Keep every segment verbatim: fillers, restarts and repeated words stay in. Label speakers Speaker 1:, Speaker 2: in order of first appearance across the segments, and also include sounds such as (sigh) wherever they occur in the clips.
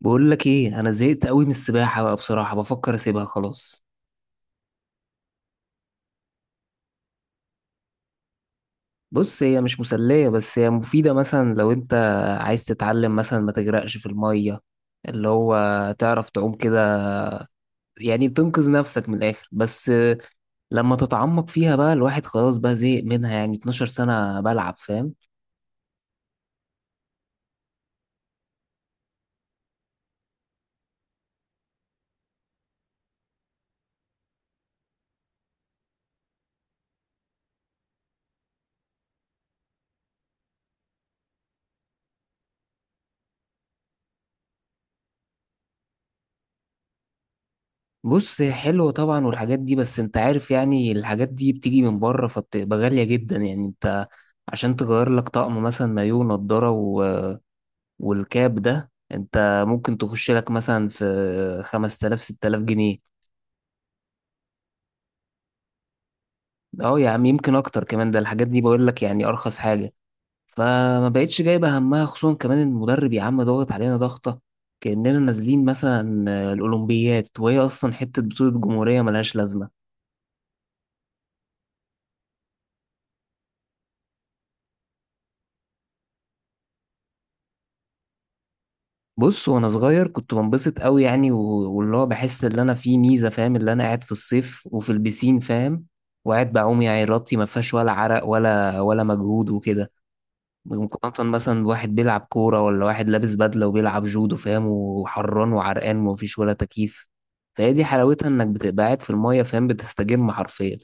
Speaker 1: بقول لك ايه؟ انا زهقت قوي من السباحه بقى، بصراحه بفكر اسيبها خلاص. بص، هي مش مسليه بس هي مفيده. مثلا لو انت عايز تتعلم، مثلا ما تغرقش في الميه، اللي هو تعرف تعوم كده، يعني بتنقذ نفسك من الاخر بس. لما تتعمق فيها بقى، الواحد خلاص بقى زهق منها، يعني اتناشر سنة سنه بلعب، فاهم؟ بص، هي حلوه طبعا والحاجات دي، بس انت عارف يعني الحاجات دي بتيجي من بره، فبتبقى غاليه جدا. يعني انت عشان تغير لك طقم، مثلا مايو نضاره والكاب ده، انت ممكن تخش لك مثلا في خمسة آلاف ست تلاف جنيه. اه يا عم، يمكن اكتر كمان. ده الحاجات دي بقول لك يعني ارخص حاجة. فما بقتش جايبة همها. خصوصا كمان المدرب يا عم ضاغط علينا ضغطة كأننا نازلين مثلا الأولمبيات، وهي أصلا حتة بطولة جمهورية ملهاش لازمة. بص، وأنا صغير كنت بنبسط قوي يعني، و- واللي هو بحس إن أنا في ميزة، فاهم؟ اللي أنا قاعد في الصيف وفي البسين، فاهم؟ وقاعد بعوم، يعني رطي ما فيهاش ولا عرق ولا ولا مجهود وكده. مقارنة مثلا بواحد بيلعب كورة ولا واحد لابس بدلة وبيلعب جودو، فاهم؟ وحران وعرقان ومفيش ولا تكييف. فهي دي حلاوتها، انك بتبقى قاعد في المية، فاهم؟ بتستجم حرفيا.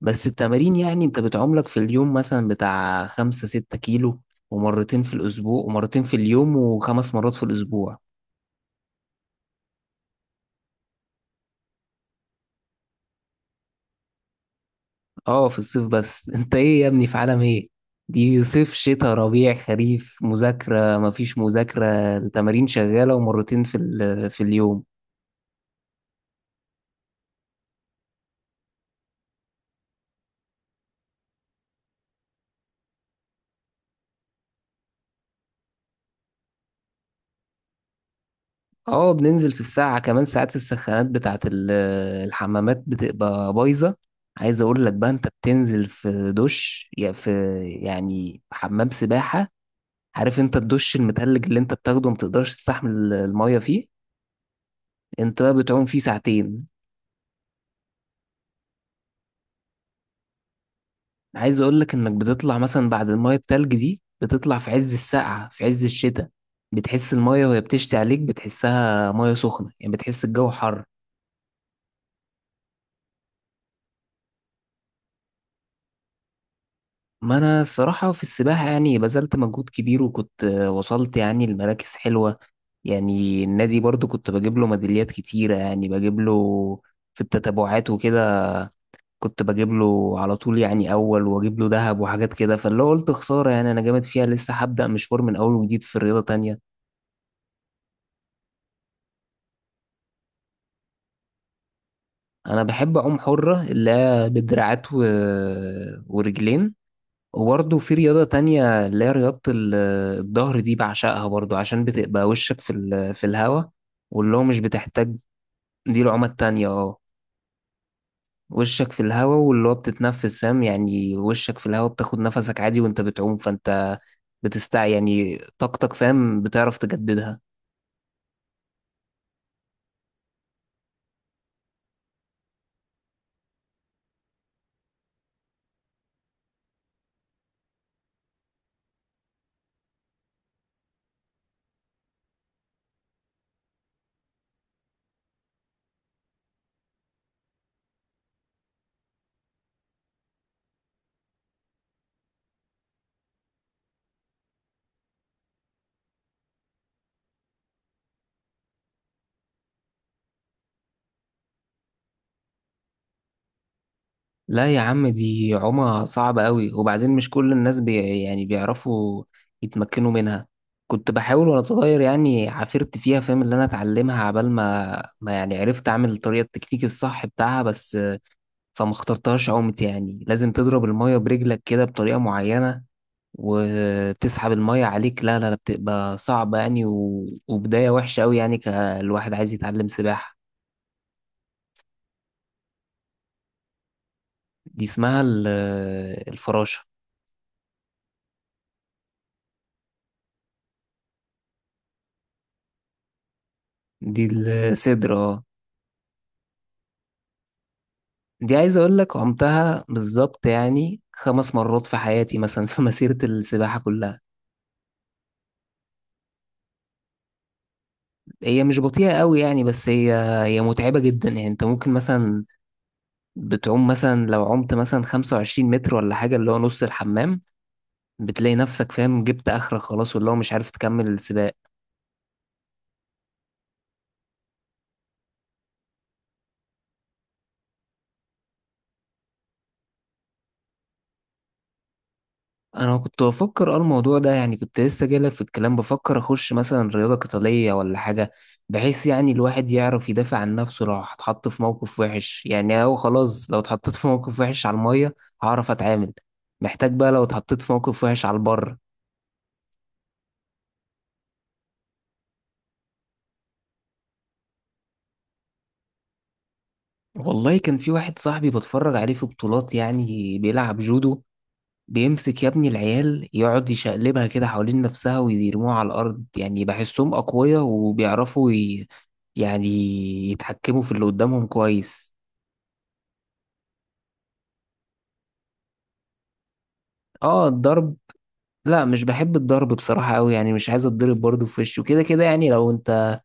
Speaker 1: بس التمارين، يعني انت بتعملك في اليوم مثلا بتاع خمسة ستة كيلو ومرتين في الأسبوع ومرتين في اليوم وخمس مرات في الأسبوع. اه في الصيف بس. (laughs) انت ايه يا ابني؟ في عالم ايه؟ دي صيف شتاء ربيع خريف، مذاكرة مفيش مذاكرة، التمارين شغالة ومرتين في ال- في اليوم. اه، بننزل في الساعة. كمان ساعات السخانات بتاعت ال- الحمامات بتبقى بايظة. عايز اقول لك بقى، انت بتنزل في دش يا في، يعني حمام سباحة. عارف انت الدش المتلج اللي انت بتاخده ما بتقدرش تستحمل المية فيه؟ انت بقى بتعوم فيه ساعتين. عايز اقول لك انك بتطلع مثلا بعد المية التلج دي، بتطلع في عز السقعة في عز الشتاء، بتحس المية وهي بتشتي عليك بتحسها مية سخنة، يعني بتحس الجو حر. ما انا الصراحة في السباحة يعني بذلت مجهود كبير، وكنت آه، وصلت يعني لمراكز حلوة. يعني النادي برضو كنت بجيب له ميداليات كتيرة، يعني بجيب له في التتابعات وكده. كنت بجيب له على طول يعني، اول واجيب له ذهب وحاجات كده، فاللي هو قلت خسارة، يعني انا جامد فيها لسه، هبدأ مشوار من اول وجديد في رياضة تانية. انا بحب اعوم حرة، اللي هي بدراعات و... ورجلين. وبرضه في رياضة تانية، اللي هي رياضة ال- الظهر، دي بعشقها برضه عشان بتبقى وشك في ال- في الهوا، واللي هو مش بتحتاج. دي العمى التانية اه. وشك في الهوا، واللي هو بتتنفس، فاهم؟ يعني وشك في الهوا بتاخد نفسك عادي وانت بتعوم، فانت بتستع يعني طاقتك، فاهم؟ بتعرف تجددها. لا يا عم، دي عومة صعبة قوي، وبعدين مش كل الناس بي يعني بيعرفوا يتمكنوا منها. كنت بحاول وانا صغير يعني، عافرت فيها فاهم، اللي انا اتعلمها عبال ما ما يعني عرفت اعمل الطريقة التكتيك الصح بتاعها بس. فما اخترتهاش عومة. يعني لازم تضرب المية برجلك كده بطريقة معينة وتسحب المية عليك، لا لا لا، بتبقى صعبة يعني و... وبداية وحشة قوي، يعني كالواحد عايز يتعلم سباحة. دي اسمها ال- الفراشة. دي الصدر اه. دي عايز اقول لك عمتها بالظبط يعني خمس مرات في حياتي مثلا، في (laughs) مسيرة السباحة كلها. هي مش بطيئة قوي يعني، بس هي هي متعبة جدا. يعني انت ممكن مثلا بتعوم مثلا، لو عمت مثلا 25 متر ولا حاجة، اللي هو نص الحمام، بتلاقي نفسك فاهم جبت اخرك خلاص، واللي هو مش عارف تكمل السباق. انا كنت بفكر اه الموضوع ده، يعني كنت لسه جايلك في الكلام بفكر اخش مثلا رياضة قتالية ولا حاجة، بحيث يعني الواحد يعرف يدافع عن نفسه لو اتحط في موقف وحش. يعني هو خلاص لو اتحطيت في موقف وحش على المية هعرف اتعامل، محتاج بقى لو اتحطيت في موقف وحش على البر. والله، كان في واحد صاحبي بتفرج عليه في بطولات، يعني بيلعب جودو. بيمسك يا ابني العيال يقعد يشقلبها كده حوالين نفسها ويرموها على الأرض، يعني بحسهم أقوياء وبيعرفوا ي... يعني يتحكموا في اللي قدامهم كويس. اه الضرب، لا مش بحب الضرب بصراحة أوي، يعني مش عايز اتضرب برضه في وشه كده كده. يعني لو انت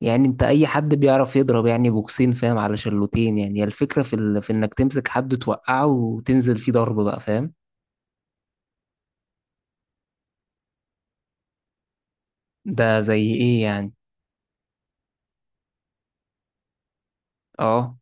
Speaker 1: يعني انت أي حد بيعرف يضرب يعني بوكسين فاهم على شلوتين، يعني هي الفكرة في, ال... في إنك تمسك حد توقعه وتنزل فيه ضرب بقى، فاهم؟ ده زي إيه يعني؟ اه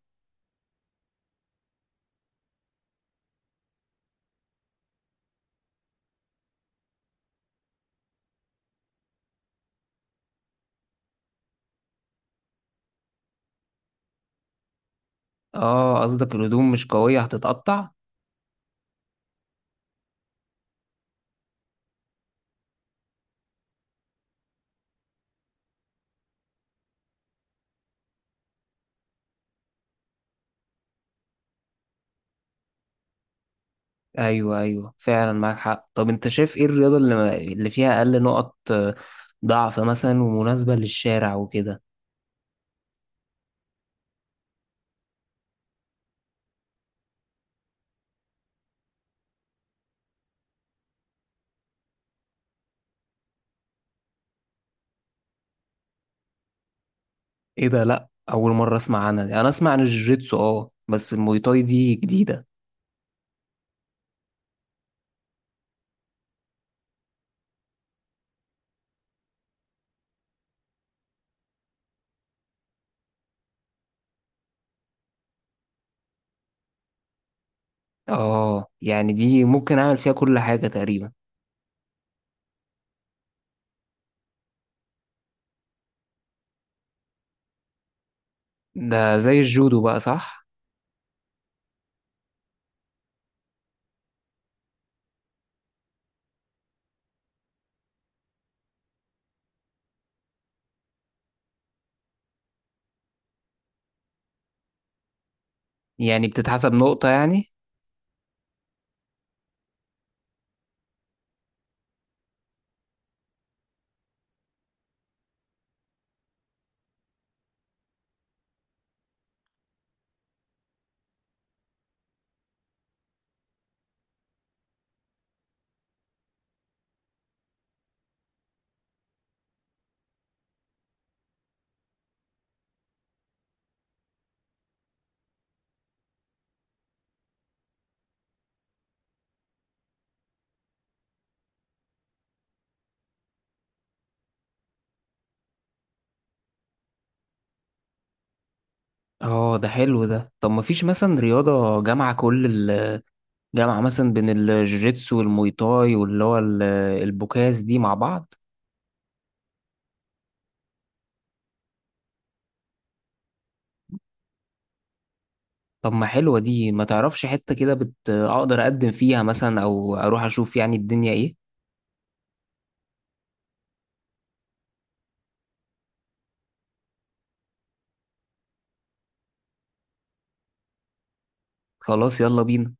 Speaker 1: اه، قصدك الهدوم مش قوية هتتقطع. ايوه ايوه فعلا معاك حق. طب انت شايف ايه الرياضة اللي اللي فيها اقل نقط آه، ضعف مثلا ومناسبة للشارع وكده؟ ايه ده؟ لا، اول مرة اسمع عنها دي. انا اسمع عن الجوجيتسو اه، بس الموي تاي دي جديدة. اه يعني دي ممكن اعمل فيها كل حاجة تقريبا. ده زي الجودو بقى صح؟ يعني بتتحسب نقطة يعني. اه ده حلو ده. طب ما فيش مثلا رياضة جامعة، كل الجامعة مثلا، بين الجوجيتسو والموي تاي واللي هو ال- البوكاس دي مع بعض؟ طب ما حلوة دي، ما تعرفش حتة كده بت... اقدر اقدم فيها مثلا، او اروح اشوف يعني الدنيا ايه؟ خلاص يلا بينا.